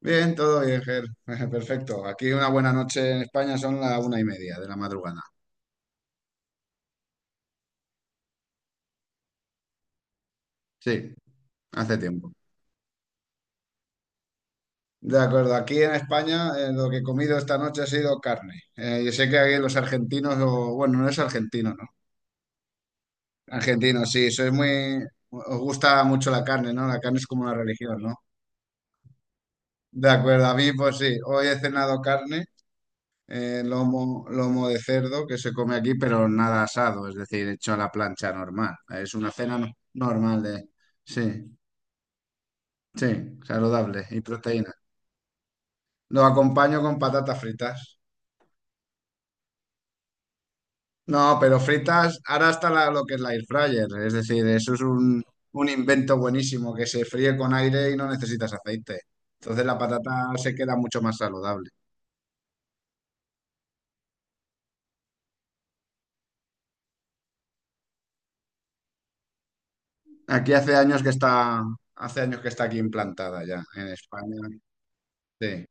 Bien, todo bien, Ger. Perfecto. Aquí una buena noche en España son las 1:30 de la madrugada. Sí, hace tiempo. De acuerdo, aquí en España lo que he comido esta noche ha sido carne. Yo sé que aquí los argentinos, o, bueno, no es argentino, ¿no? Argentino, sí, sois muy... Os gusta mucho la carne, ¿no? La carne es como una religión, ¿no? De acuerdo, a mí pues sí, hoy he cenado carne, lomo de cerdo que se come aquí, pero nada asado, es decir, hecho a la plancha normal. Es una cena normal de... Sí, sí, saludable y proteína. Lo acompaño con patatas fritas. No, pero fritas, ahora está lo que es la air fryer, es decir, eso es un invento buenísimo que se fríe con aire y no necesitas aceite. Entonces la patata se queda mucho más saludable. Aquí hace años que está aquí implantada ya, en España. Sí,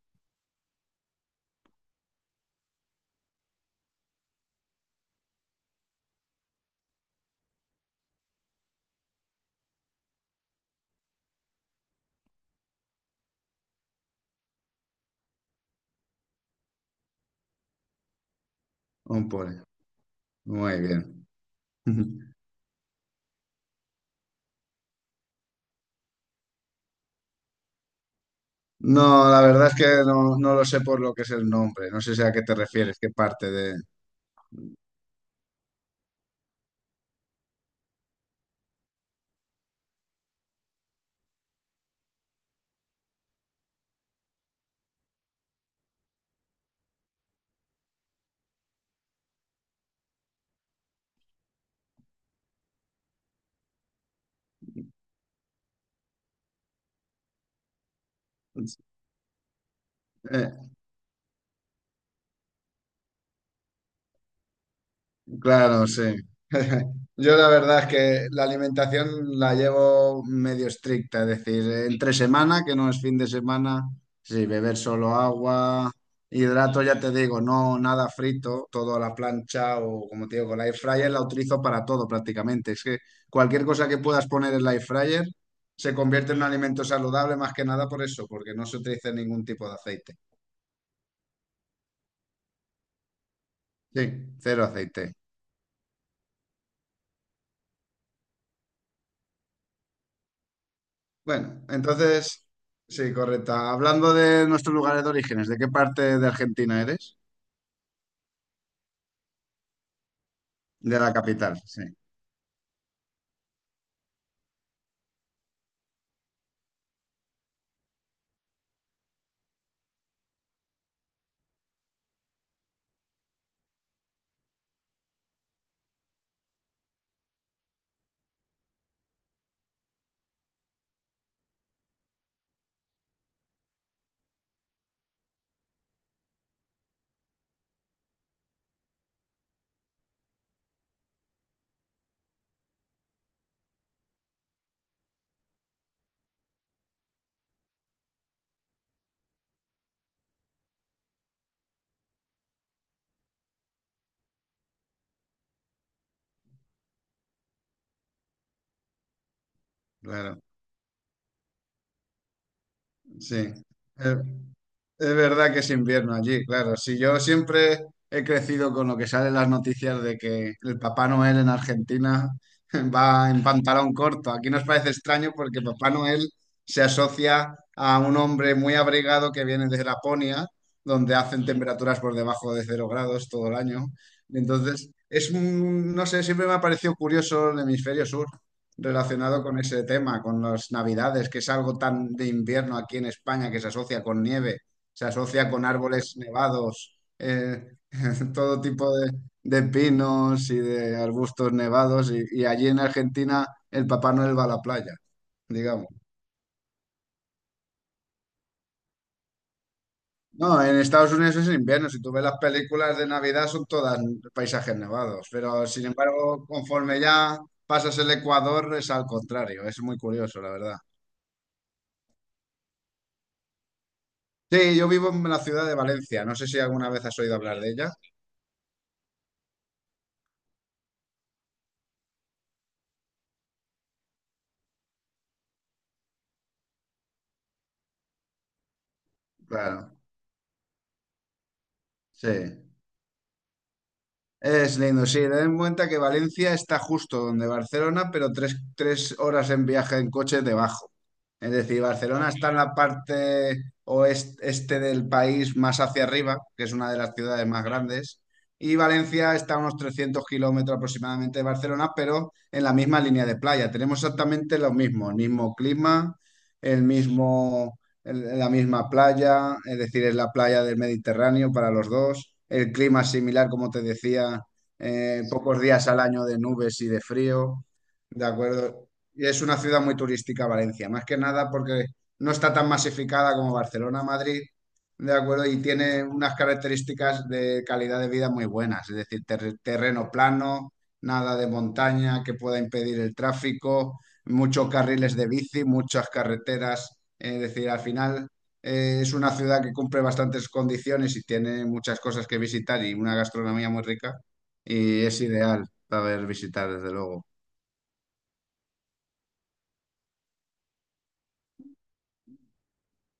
un poco. Muy bien. No, la verdad es que no lo sé por lo que es el nombre. No sé si a qué te refieres, qué parte de... Eh, Claro, sí. Yo la verdad es que la alimentación la llevo medio estricta, es decir, entre semana, que no es fin de semana, sí, beber solo agua, hidrato, ya te digo, no nada frito, todo a la plancha o como te digo, con la air fryer la utilizo para todo prácticamente. Es que cualquier cosa que puedas poner en la air fryer se convierte en un alimento saludable más que nada por eso, porque no se utiliza ningún tipo de aceite. Sí, cero aceite. Bueno, entonces, sí, correcta. Hablando de nuestros lugares de orígenes, ¿de qué parte de Argentina eres? De la capital, sí, claro, sí. Eh, Es verdad que es invierno allí, claro. Si yo siempre he crecido con lo que sale en las noticias de que el Papá Noel en Argentina va en pantalón corto. Aquí nos parece extraño porque Papá Noel se asocia a un hombre muy abrigado que viene de Laponia, donde hacen temperaturas por debajo de 0 grados todo el año. Entonces, es un, no sé, siempre me ha parecido curioso el hemisferio sur relacionado con ese tema, con las navidades, que es algo tan de invierno aquí en España que se asocia con nieve, se asocia con árboles nevados, todo tipo de pinos y de arbustos nevados, y allí en Argentina el Papá Noel va a la playa, digamos. No, en Estados Unidos es invierno, si tú ves las películas de Navidad son todas paisajes nevados, pero sin embargo, conforme ya pasas el Ecuador es al contrario, es muy curioso, la verdad. Sí, yo vivo en la ciudad de Valencia, no sé si alguna vez has oído hablar de ella. Claro, sí. Es lindo, sí, ten en cuenta que Valencia está justo donde Barcelona, pero tres horas en viaje en coche debajo. Es decir, Barcelona está en la parte oeste este del país más hacia arriba, que es una de las ciudades más grandes, y Valencia está a unos 300 kilómetros aproximadamente de Barcelona, pero en la misma línea de playa. Tenemos exactamente lo mismo, el mismo clima, el mismo la misma playa, es decir, es la playa del Mediterráneo para los dos. El clima es similar, como te decía, pocos días al año de nubes y de frío, ¿de acuerdo? Y es una ciudad muy turística, Valencia, más que nada porque no está tan masificada como Barcelona, Madrid, ¿de acuerdo? Y tiene unas características de calidad de vida muy buenas, es decir, terreno plano, nada de montaña que pueda impedir el tráfico, muchos carriles de bici, muchas carreteras. Es decir, al final es una ciudad que cumple bastantes condiciones y tiene muchas cosas que visitar y una gastronomía muy rica. Y es ideal saber visitar, desde luego.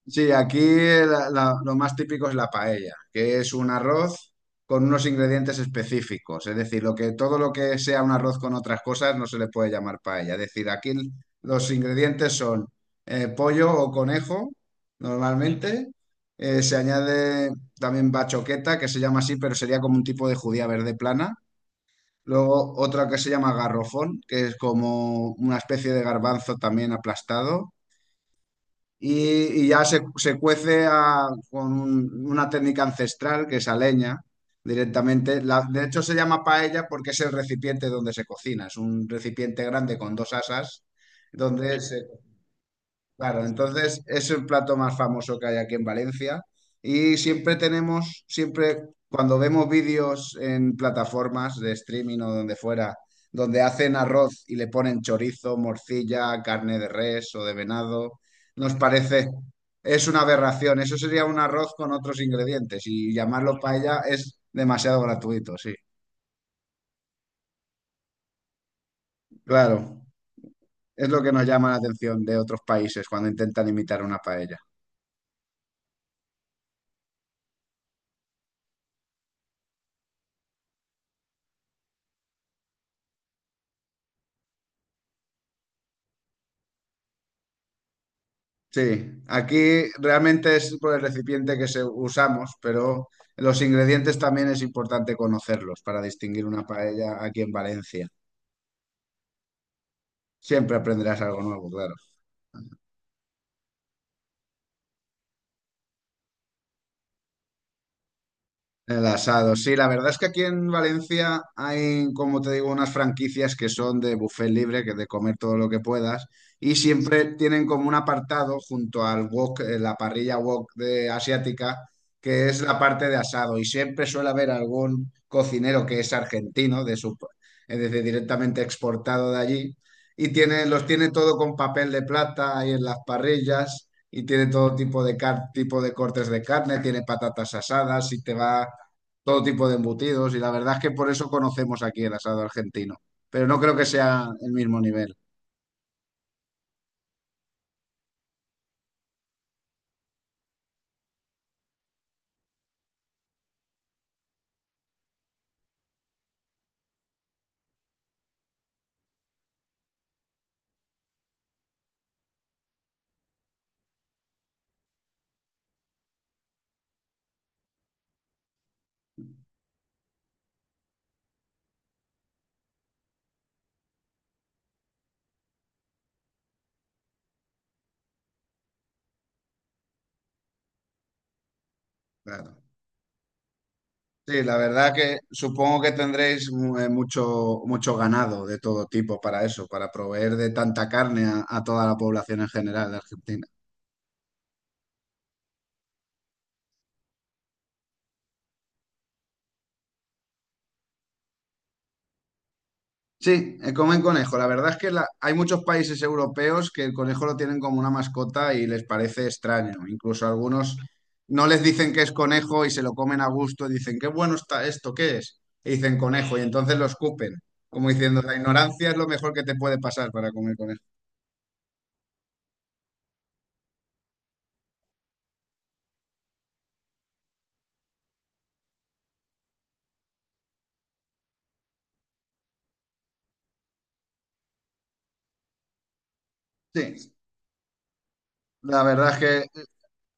Sí, aquí lo más típico es la paella, que es un arroz con unos ingredientes específicos. Es decir, lo que, todo lo que sea un arroz con otras cosas no se le puede llamar paella. Es decir, aquí los ingredientes son pollo o conejo, normalmente. Se añade también bachoqueta, que se llama así, pero sería como un tipo de judía verde plana. Luego otra que se llama garrofón, que es como una especie de garbanzo también aplastado, y ya se cuece con una técnica ancestral que es a leña directamente. De hecho, se llama paella porque es el recipiente donde se cocina. Es un recipiente grande con dos asas donde se Claro, entonces es el plato más famoso que hay aquí en Valencia, y siempre cuando vemos vídeos en plataformas de streaming o donde fuera, donde hacen arroz y le ponen chorizo, morcilla, carne de res o de venado, nos parece, es una aberración, eso sería un arroz con otros ingredientes y llamarlo paella es demasiado gratuito, sí. Claro, es lo que nos llama la atención de otros países cuando intentan imitar una paella. Sí, aquí realmente es por el recipiente que se usamos, pero los ingredientes también es importante conocerlos para distinguir una paella aquí en Valencia. Siempre aprenderás algo nuevo, claro. El asado, sí, la verdad es que aquí en Valencia hay, como te digo, unas franquicias que son de buffet libre, que de comer todo lo que puedas, y siempre tienen como un apartado junto al wok, la parrilla wok de asiática, que es la parte de asado, y siempre suele haber algún cocinero que es argentino, de su, es decir, directamente exportado de allí, y los tiene todo con papel de plata ahí en las parrillas, y tiene todo tipo de tipo de cortes de carne, tiene patatas asadas, y te va todo tipo de embutidos y la verdad es que por eso conocemos aquí el asado argentino, pero no creo que sea el mismo nivel. Claro. Sí, la verdad que supongo que tendréis mucho ganado de todo tipo para eso, para proveer de tanta carne a toda la población en general de Argentina. Sí, comen conejo. La verdad es que hay muchos países europeos que el conejo lo tienen como una mascota y les parece extraño. Incluso algunos no les dicen que es conejo y se lo comen a gusto y dicen, qué bueno está esto, ¿qué es? Y dicen conejo y entonces lo escupen, como diciendo, la ignorancia es lo mejor que te puede pasar para comer conejo. Sí, la verdad es que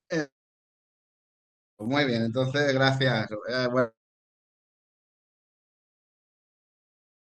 eh, pues muy bien. Entonces, gracias. Bueno,